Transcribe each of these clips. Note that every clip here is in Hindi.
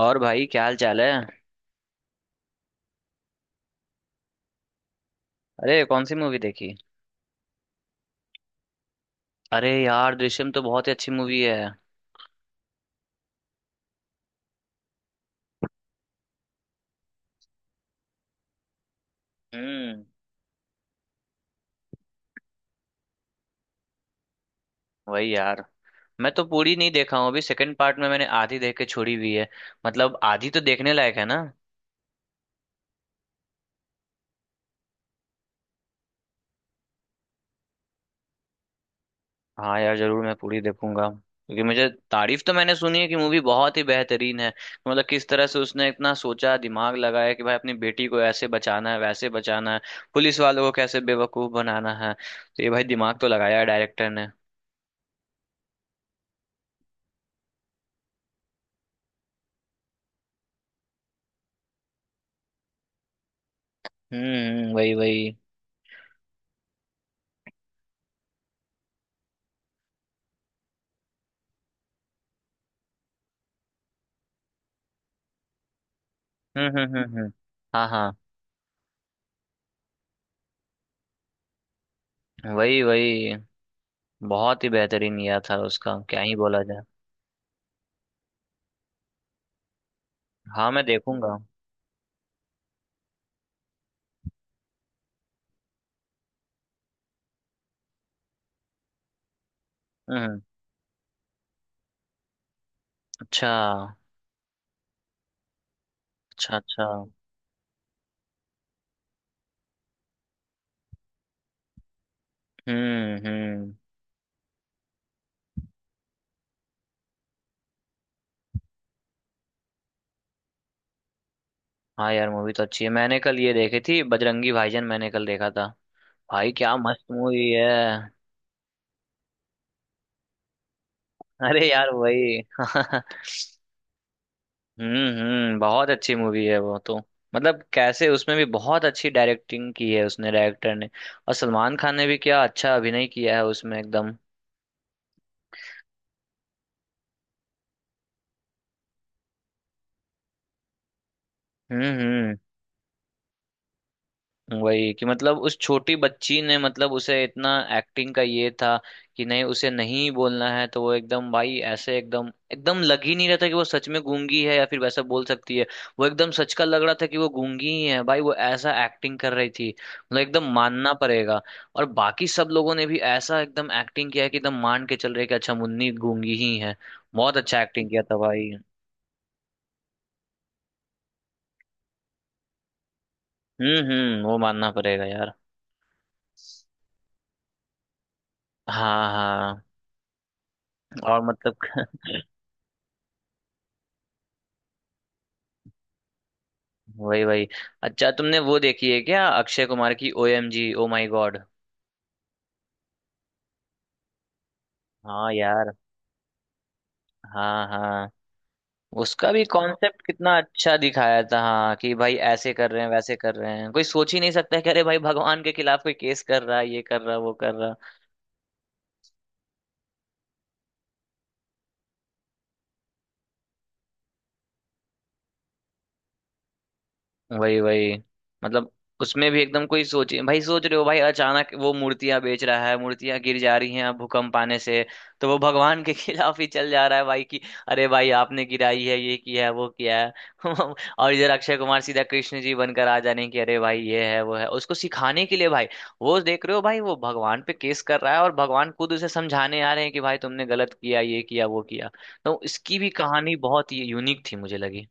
और भाई, क्या हाल चाल है? अरे, कौन सी मूवी देखी? अरे यार, दृश्यम तो बहुत ही अच्छी मूवी है। हम्म। वही यार। मैं तो पूरी नहीं देखा हूँ, अभी सेकंड पार्ट में मैंने आधी देख के छोड़ी हुई है। मतलब आधी तो देखने लायक है ना? हाँ यार, जरूर मैं पूरी देखूंगा। क्योंकि मुझे तारीफ तो मैंने सुनी है कि मूवी बहुत ही बेहतरीन है। मतलब किस तरह से उसने इतना सोचा, दिमाग लगाया कि भाई अपनी बेटी को ऐसे बचाना है, वैसे बचाना है। पुलिस वालों को कैसे बेवकूफ बनाना है, तो ये भाई दिमाग तो लगाया है डायरेक्टर ने। हम्म। वही वही। हम्म हम्म हम्म हम्म। हाँ हाँ। वही वही। बहुत ही बेहतरीन किया था, उसका क्या ही बोला जाए। हाँ, मैं देखूंगा। हम्म। अच्छा। अच्छा अच्छा। हम्म। हाँ यार, मूवी तो अच्छी है। मैंने कल ये देखी थी बजरंगी भाईजान, मैंने कल देखा था। भाई, क्या मस्त मूवी है। अरे यार, वही। हम्म। बहुत अच्छी मूवी है वो तो। मतलब कैसे उसमें भी बहुत अच्छी डायरेक्टिंग की है उसने, डायरेक्टर ने। और सलमान खान ने भी क्या अच्छा अभिनय किया है उसमें, एकदम। हम्म। वही, कि मतलब उस छोटी बच्ची ने, मतलब उसे इतना एक्टिंग का ये था कि नहीं, उसे नहीं बोलना है, तो वो एकदम भाई ऐसे एकदम एकदम लग ही नहीं रहा था कि वो सच में गूंगी है या फिर वैसा बोल सकती है। वो एकदम सच का लग रहा था कि वो गूंगी ही है भाई, वो ऐसा एक्टिंग कर रही थी। मतलब एकदम मानना पड़ेगा। और बाकी सब लोगों ने भी ऐसा एकदम एक्टिंग किया है कि एकदम मान के चल रहे कि अच्छा, मुन्नी गूंगी ही है। बहुत अच्छा एक्टिंग किया था भाई। हम्म। वो मानना पड़ेगा यार। हाँ हाँ। और मतलब वही वही। अच्छा, तुमने वो देखी है क्या, अक्षय कुमार की O M G, oh my God? हाँ यार। हाँ हाँ। उसका भी कॉन्सेप्ट कितना अच्छा दिखाया था, हाँ। कि भाई ऐसे कर रहे हैं, वैसे कर रहे हैं, कोई सोच ही नहीं सकता है कि अरे भाई, भगवान के खिलाफ कोई केस कर रहा है, ये कर रहा है, वो कर रहा है। वही वही। मतलब उसमें भी एकदम कोई सोचे, भाई सोच रहे हो भाई, अचानक वो मूर्तियां बेच रहा है, मूर्तियां गिर जा रही हैं अब भूकंप आने से। तो वो भगवान के खिलाफ ही चल जा रहा है भाई कि अरे भाई, आपने गिराई है, ये किया है, वो किया है। और इधर अक्षय कुमार सीधा कृष्ण जी बनकर आ जाने की, अरे भाई ये है, वो है, उसको सिखाने के लिए भाई। वो देख रहे हो भाई, वो भगवान पे केस कर रहा है और भगवान खुद उसे समझाने आ रहे हैं कि भाई तुमने गलत किया, ये किया, वो किया। तो इसकी भी कहानी बहुत ही यूनिक थी मुझे लगी।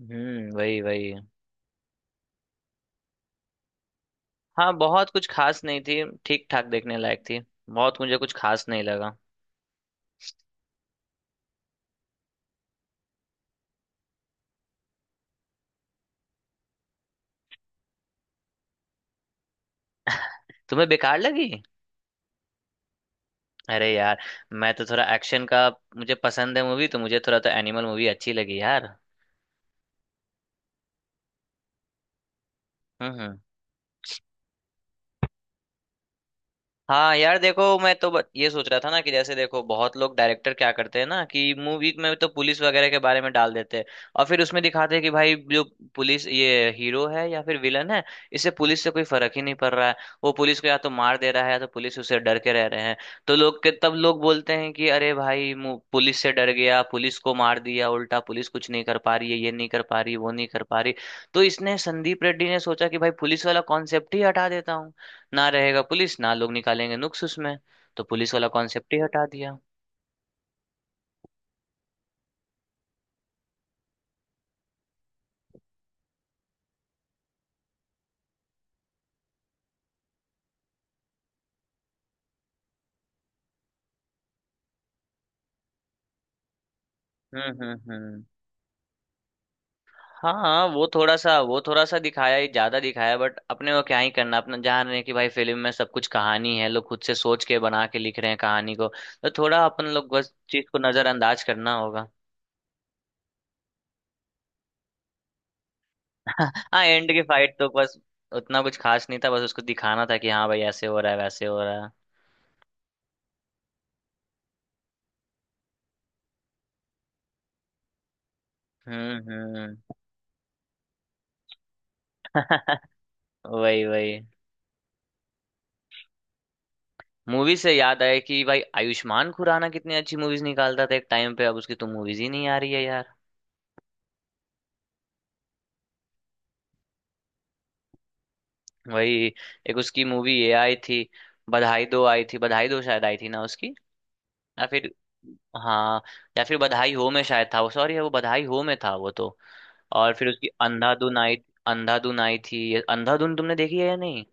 हम्म। वही वही। हाँ, बहुत कुछ खास नहीं थी, ठीक ठाक देखने लायक थी। बहुत मुझे कुछ खास नहीं लगा। तुम्हें बेकार लगी? अरे यार, मैं तो थोड़ा एक्शन का मुझे पसंद है, मूवी तो मुझे थोड़ा तो एनिमल मूवी अच्छी लगी यार। हम्म हम्म। हाँ यार देखो, मैं तो ये सोच रहा था ना कि जैसे देखो, बहुत लोग डायरेक्टर क्या करते हैं ना, कि मूवी में तो पुलिस वगैरह के बारे में डाल देते हैं। और फिर उसमें दिखाते हैं कि भाई जो पुलिस, ये हीरो है या फिर विलन है, इससे पुलिस से कोई फर्क ही नहीं पड़ रहा है। वो पुलिस को या तो मार दे रहा है या तो पुलिस उससे डर के रह रहे हैं। तो लोग के तब लोग बोलते हैं कि अरे भाई, पुलिस से डर गया, पुलिस को मार दिया, उल्टा पुलिस कुछ नहीं कर पा रही है, ये नहीं कर पा रही, वो नहीं कर पा रही। तो इसने संदीप रेड्डी ने सोचा कि भाई पुलिस वाला कॉन्सेप्ट ही हटा देता हूँ। ना रहेगा पुलिस, ना लोग निकालेंगे नुक्स उसमें। तो पुलिस वाला कॉन्सेप्ट ही हटा दिया। हम्म। हाँ, वो थोड़ा सा दिखाया ही, ज्यादा दिखाया, बट अपने को क्या ही करना, अपना जान रहे हैं कि भाई फिल्म में सब कुछ कहानी है, लोग खुद से सोच के बना के लिख रहे हैं कहानी को। तो थोड़ा अपन लोग बस चीज को नजरअंदाज करना होगा। हाँ, एंड की फाइट तो बस उतना कुछ खास नहीं था, बस उसको दिखाना था कि हाँ भाई ऐसे हो रहा है, वैसे हो रहा है। हम्म। वही वही। मूवी से याद आया कि भाई आयुष्मान खुराना कितनी अच्छी मूवीज निकालता था एक टाइम पे, अब उसकी तो मूवीज ही नहीं आ रही है यार। वही। एक उसकी मूवी ये आई थी, बधाई दो आई थी, बधाई दो शायद आई थी ना उसकी, या फिर। हाँ। या फिर बधाई हो में शायद था वो, सॉरी वो बधाई हो में था वो तो। और फिर उसकी अंधाधुन आई। अंधाधुन आई थी, ये अंधाधुन तुमने देखी है या नहीं?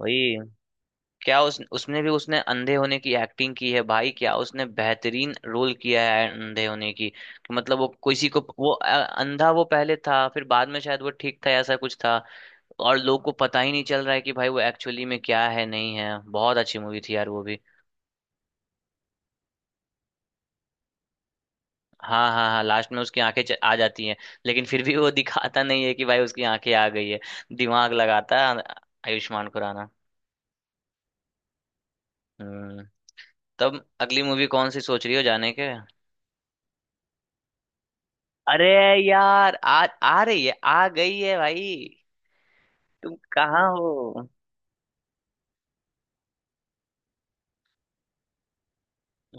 वही। क्या उस उसमें भी उसने अंधे होने की एक्टिंग की है भाई, क्या उसने बेहतरीन रोल किया है अंधे होने की। कि मतलब वो किसी को वो अंधा वो पहले था, फिर बाद में शायद वो ठीक था, ऐसा कुछ था। और लोग को पता ही नहीं चल रहा है कि भाई वो एक्चुअली में क्या है, नहीं है। बहुत अच्छी मूवी थी यार वो भी। हाँ हाँ हाँ, लास्ट में उसकी आंखें आ जाती हैं। लेकिन फिर भी वो दिखाता नहीं है कि भाई उसकी आंखें आ गई है। दिमाग लगाता है आयुष्मान खुराना। हम्म। तब अगली मूवी कौन सी सोच रही हो जाने के? अरे, यार आ आ रही है, आ गई है भाई। तुम कहाँ हो?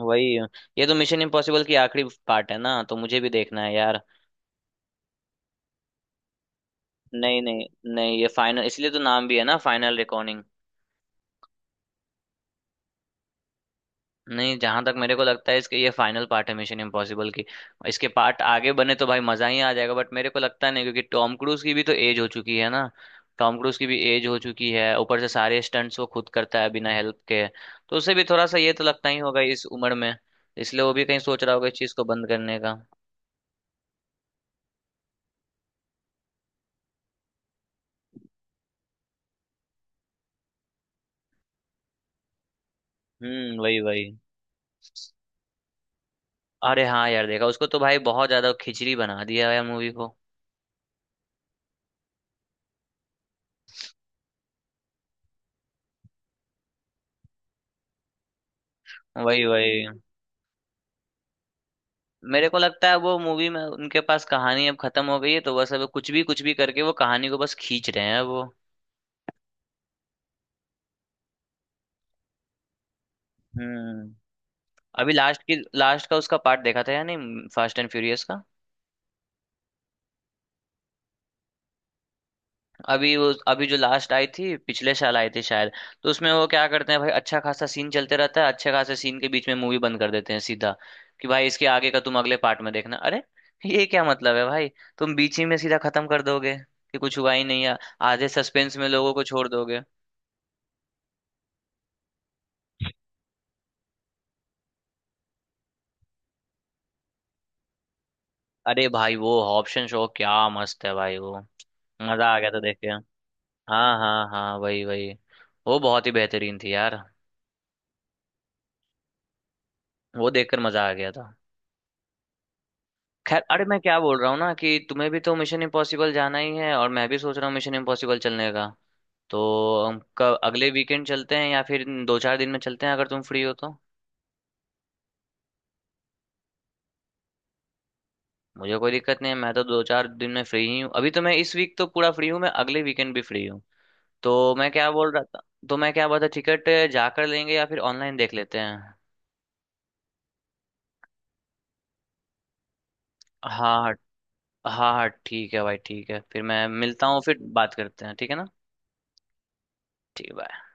वही। ये तो मिशन इम्पॉसिबल की आखिरी पार्ट है ना, तो मुझे भी देखना है यार। नहीं नहीं। नहीं, ये फाइनल इसलिए तो नाम भी है ना, फाइनल रिकॉर्डिंग। नहीं, जहां तक मेरे को लगता है इसके, ये फाइनल पार्ट है मिशन इम्पॉसिबल की। इसके पार्ट आगे बने तो भाई मजा ही आ जाएगा, बट मेरे को लगता नहीं, क्योंकि टॉम क्रूज की भी तो एज हो चुकी है ना। टॉम क्रूज की भी एज हो चुकी है, ऊपर से सारे स्टंट्स वो खुद करता है बिना हेल्प के। तो उसे भी थोड़ा सा ये तो लगता ही होगा इस उम्र में। इसलिए वो भी कहीं सोच रहा होगा इस चीज को बंद करने का। हम्म। वही वही। अरे हाँ यार, देखा उसको तो भाई, बहुत ज्यादा खिचड़ी बना दिया है मूवी को। वही वही। मेरे को लगता है वो मूवी में उनके पास कहानी अब खत्म हो गई है, तो बस अब कुछ भी करके वो कहानी को बस खींच रहे हैं वो। हम्म। अभी लास्ट की, लास्ट का उसका पार्ट देखा था या नहीं फास्ट एंड फ्यूरियस का? अभी वो, अभी जो लास्ट आई थी पिछले साल आई थी शायद। तो उसमें वो क्या करते हैं भाई, अच्छा खासा सीन चलते रहता है, अच्छे खासे सीन के बीच में मूवी बंद कर देते हैं सीधा। कि भाई इसके आगे का तुम अगले पार्ट में देखना, अरे ये क्या मतलब है भाई। तुम बीच ही में सीधा खत्म कर दोगे कि कुछ हुआ ही नहीं है। आधे सस्पेंस में लोगों को छोड़ दोगे। अरे भाई, वो ऑप्शन शो क्या मस्त है भाई वो। मजा आ गया था देख के। हाँ हाँ हाँ, वही वही। वो बहुत ही बेहतरीन थी यार। वो देखकर मजा आ गया था। खैर, अरे मैं क्या बोल रहा हूँ ना, कि तुम्हें भी तो मिशन इम्पॉसिबल जाना ही है, और मैं भी सोच रहा हूँ मिशन इम्पॉसिबल चलने का। तो हम कब, अगले वीकेंड चलते हैं या फिर दो चार दिन में चलते हैं, अगर तुम फ्री हो तो? मुझे कोई दिक्कत नहीं है, मैं तो दो चार दिन में फ्री ही हूँ, अभी तो मैं इस वीक तो पूरा फ्री हूँ, मैं अगले वीकेंड भी फ्री हूँ। तो मैं क्या बोल रहा था, तो मैं क्या बोल रहा था, टिकट जाकर लेंगे या फिर ऑनलाइन देख लेते हैं? हाँ हाँ। हाँ हाँ, ठीक है भाई, ठीक है फिर, मैं मिलता हूँ, फिर बात करते हैं, ठीक है ना? ठीक है bye।